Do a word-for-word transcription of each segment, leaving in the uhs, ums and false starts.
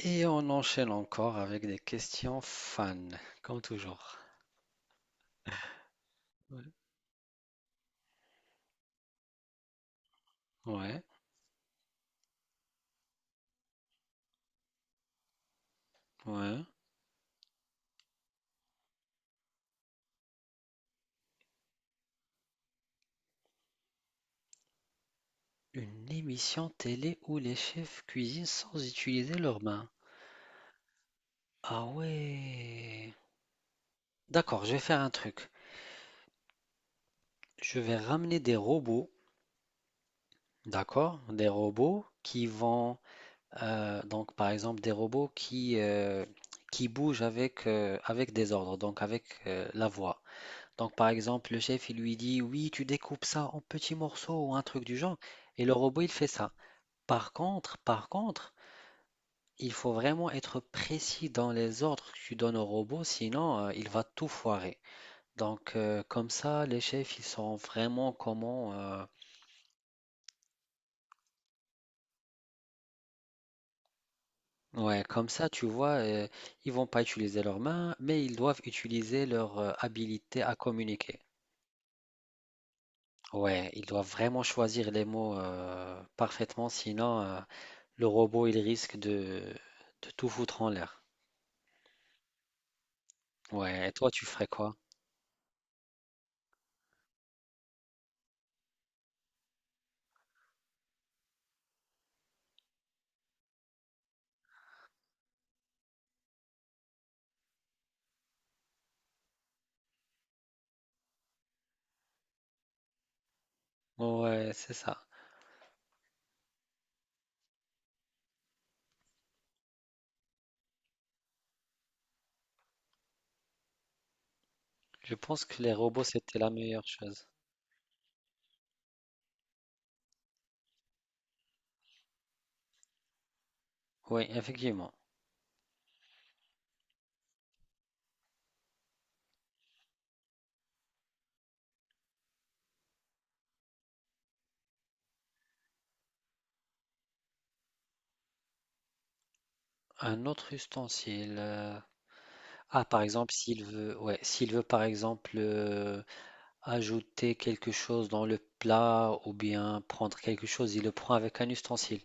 Et on enchaîne encore avec des questions fans, comme toujours. Ouais, ouais. ouais. Une émission télé où les chefs cuisinent sans utiliser leurs mains. Ah ouais. D'accord, je vais faire un truc. Je vais ramener des robots, d'accord? Des robots qui vont, euh, donc par exemple des robots qui, euh, qui bougent avec, euh, avec des ordres, donc avec euh, la voix. Donc, par exemple, le chef, il lui dit, oui, tu découpes ça en petits morceaux ou un truc du genre, et le robot, il fait ça. Par contre, par contre, il faut vraiment être précis dans les ordres que tu donnes au robot, sinon, euh, il va tout foirer. Donc, euh, comme ça, les chefs, ils sont vraiment comment. euh, Ouais, comme ça, tu vois, euh, ils vont pas utiliser leurs mains, mais ils doivent utiliser leur euh, habilité à communiquer. Ouais, ils doivent vraiment choisir les mots euh, parfaitement, sinon. euh, Le robot, il risque de, de tout foutre en l'air. Ouais, et toi, tu ferais quoi? Ouais, c'est ça. Je pense que les robots, c'était la meilleure chose. Oui, effectivement. Un autre ustensile. euh, Ah, par exemple, s'il veut, ouais, s'il veut, par exemple, euh, ajouter quelque chose dans le plat ou bien prendre quelque chose, il le prend avec un ustensile.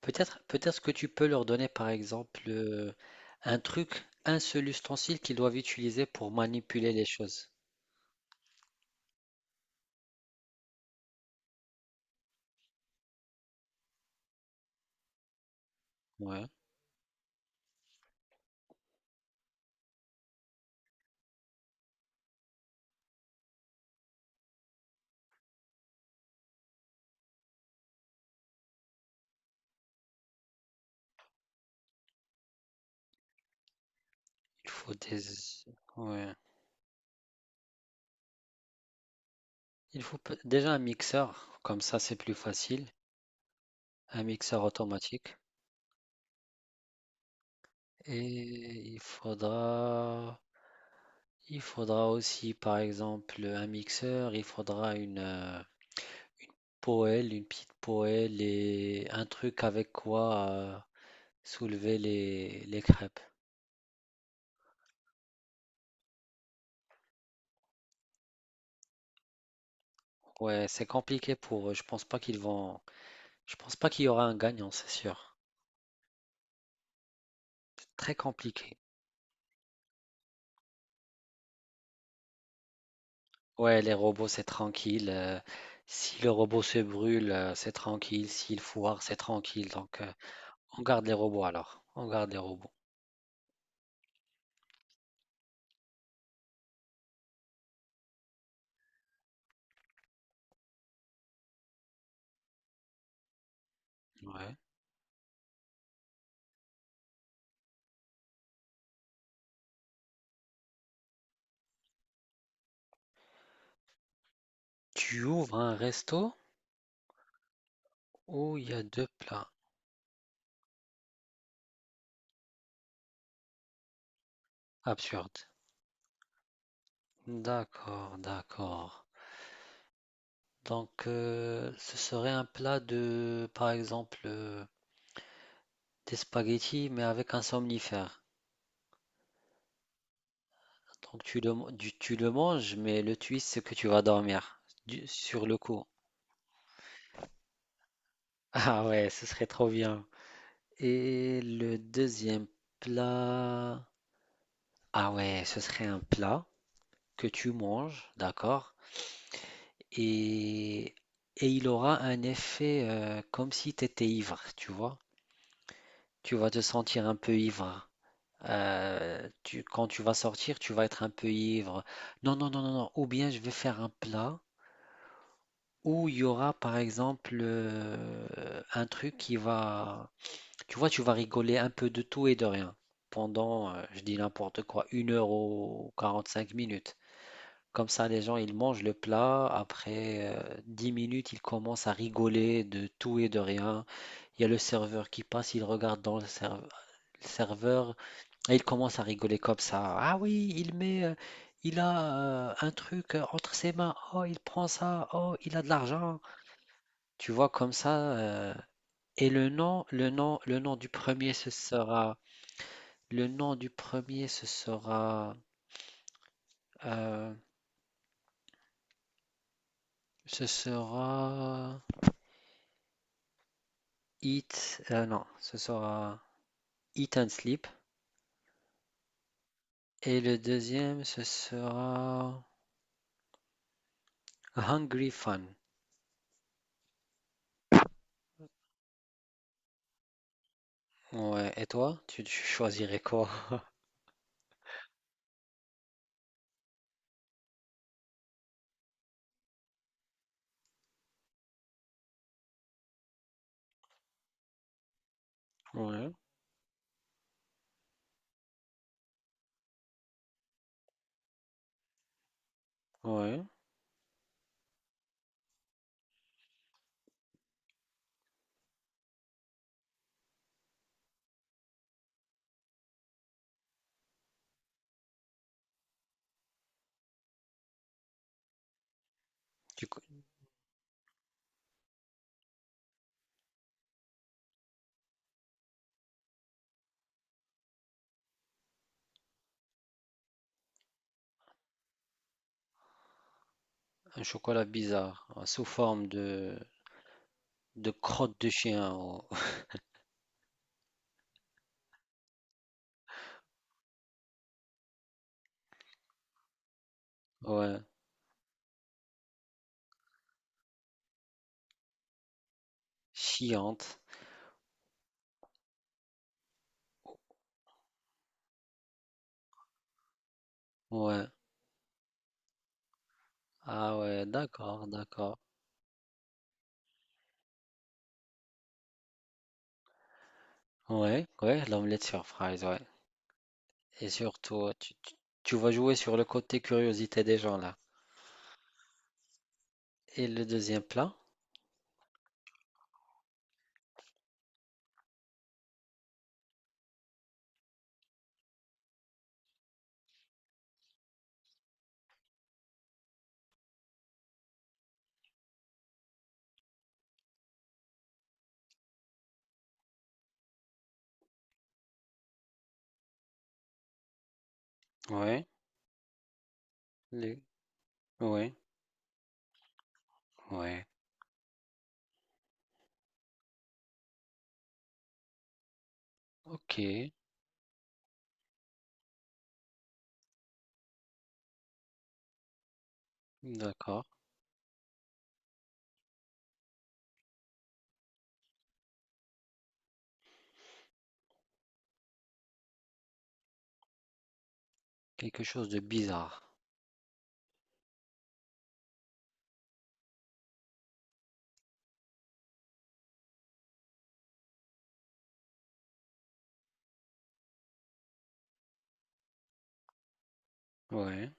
Peut-être, peut-être que tu peux leur donner, par exemple, euh, un truc, un seul ustensile qu'ils doivent utiliser pour manipuler les choses. Ouais. Il faut des. Ouais. Il faut pe- déjà un mixeur, comme ça c'est plus facile, un mixeur automatique. Et il faudra, il faudra aussi, par exemple, un mixeur, il faudra une, euh, une poêle, une petite poêle et un truc avec quoi euh, soulever les, les crêpes. Ouais, c'est compliqué pour eux. Je pense pas qu'ils vont, je pense pas qu'il y aura un gagnant, c'est sûr. C'est très compliqué. Ouais, les robots, c'est tranquille. Euh, si le robot se brûle, euh, c'est tranquille. S'il foire, c'est tranquille. Donc, euh, on garde les robots alors. On garde les robots. Ouais. Tu ouvres un resto où il y a deux plats. Absurde. D'accord, d'accord. Donc, euh, ce serait un plat de, par exemple, euh, des spaghettis, mais avec un somnifère. Donc, tu le, man- du- tu le manges, mais le twist, c'est que tu vas dormir du- sur le coup. Ah ouais, ce serait trop bien. Et le deuxième plat, ah ouais, ce serait un plat que tu manges, d'accord? Et, et il aura un effet euh, comme si tu étais ivre, tu vois? Tu vas te sentir un peu ivre. Hein. Euh, tu- quand tu vas sortir, tu vas être un peu ivre. Non, non, non, non, non. Ou bien je vais faire un plat où il y aura, par exemple, euh, un truc qui va. Tu vois, tu vas rigoler un peu de tout et de rien pendant, euh, je dis n'importe quoi, une heure ou quarante-cinq minutes. Comme ça, les gens, ils mangent le plat. Après euh, dix minutes, ils commencent à rigoler de tout et de rien. Il y a le serveur qui passe, il regarde dans le, serve- le serveur et il commence à rigoler comme ça. Ah oui, il met, euh, il a euh, un truc euh, entre ses mains. Oh, il prend ça. Oh, il a de l'argent. Tu vois, comme ça. Euh, et le nom, le nom, le nom, du premier, ce sera. Le nom du premier ce sera euh, ce sera Eat, euh, non, ce sera Eat and Sleep, et le deuxième ce sera Hungry Fun. Ouais, et toi, tu, tu choisirais quoi? Ouais, ouais. Du coup, un chocolat bizarre, euh, sous forme de, de crotte de chien. ou- Ouais, chiante. Ouais. Ah ouais, d'accord, d'accord. Ouais, ouais, l'omelette sur fries, ouais. Et surtout, tu, tu- tu vas jouer sur le côté curiosité des gens là. Et le deuxième plat? Ouais, le- ouais, ouais. Ok, d'accord. Quelque chose de bizarre. Ouais,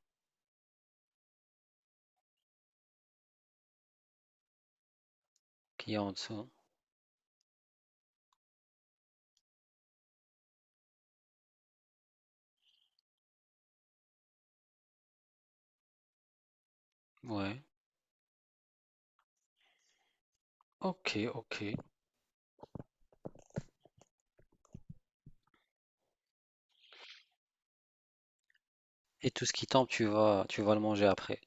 qui est en dessous. Ouais. Ok, ok. Et tout ce qui tombe, tu vas, tu vas le manger après.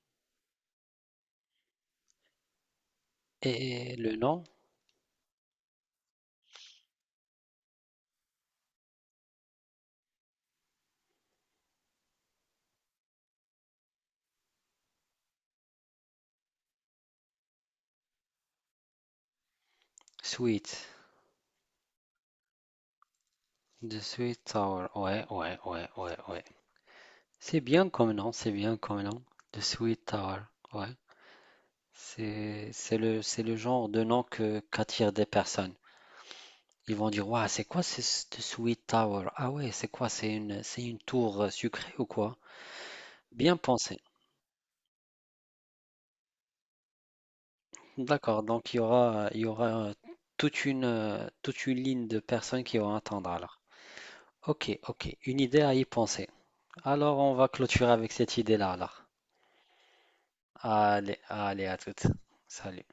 Et le nom? Sweet. The Sweet Tower. Ouais, ouais, ouais, ouais, ouais. C'est bien comme nom, c'est bien comme nom. The Sweet Tower. Ouais. C'est, c'est le, c'est le genre de nom que, qu'attirent des personnes. Ils vont dire, ouais, c'est quoi ce- cette Sweet Tower? Ah ouais, c'est quoi? C'est une, c'est une tour euh, sucrée ou quoi? Bien pensé. D'accord, donc il y aura, il y aura euh, toute une, euh, toute une ligne de personnes qui vont attendre alors. Ok, ok, une idée à y penser. Alors on va clôturer avec cette idée-là alors. Allez, allez, à toutes. Salut.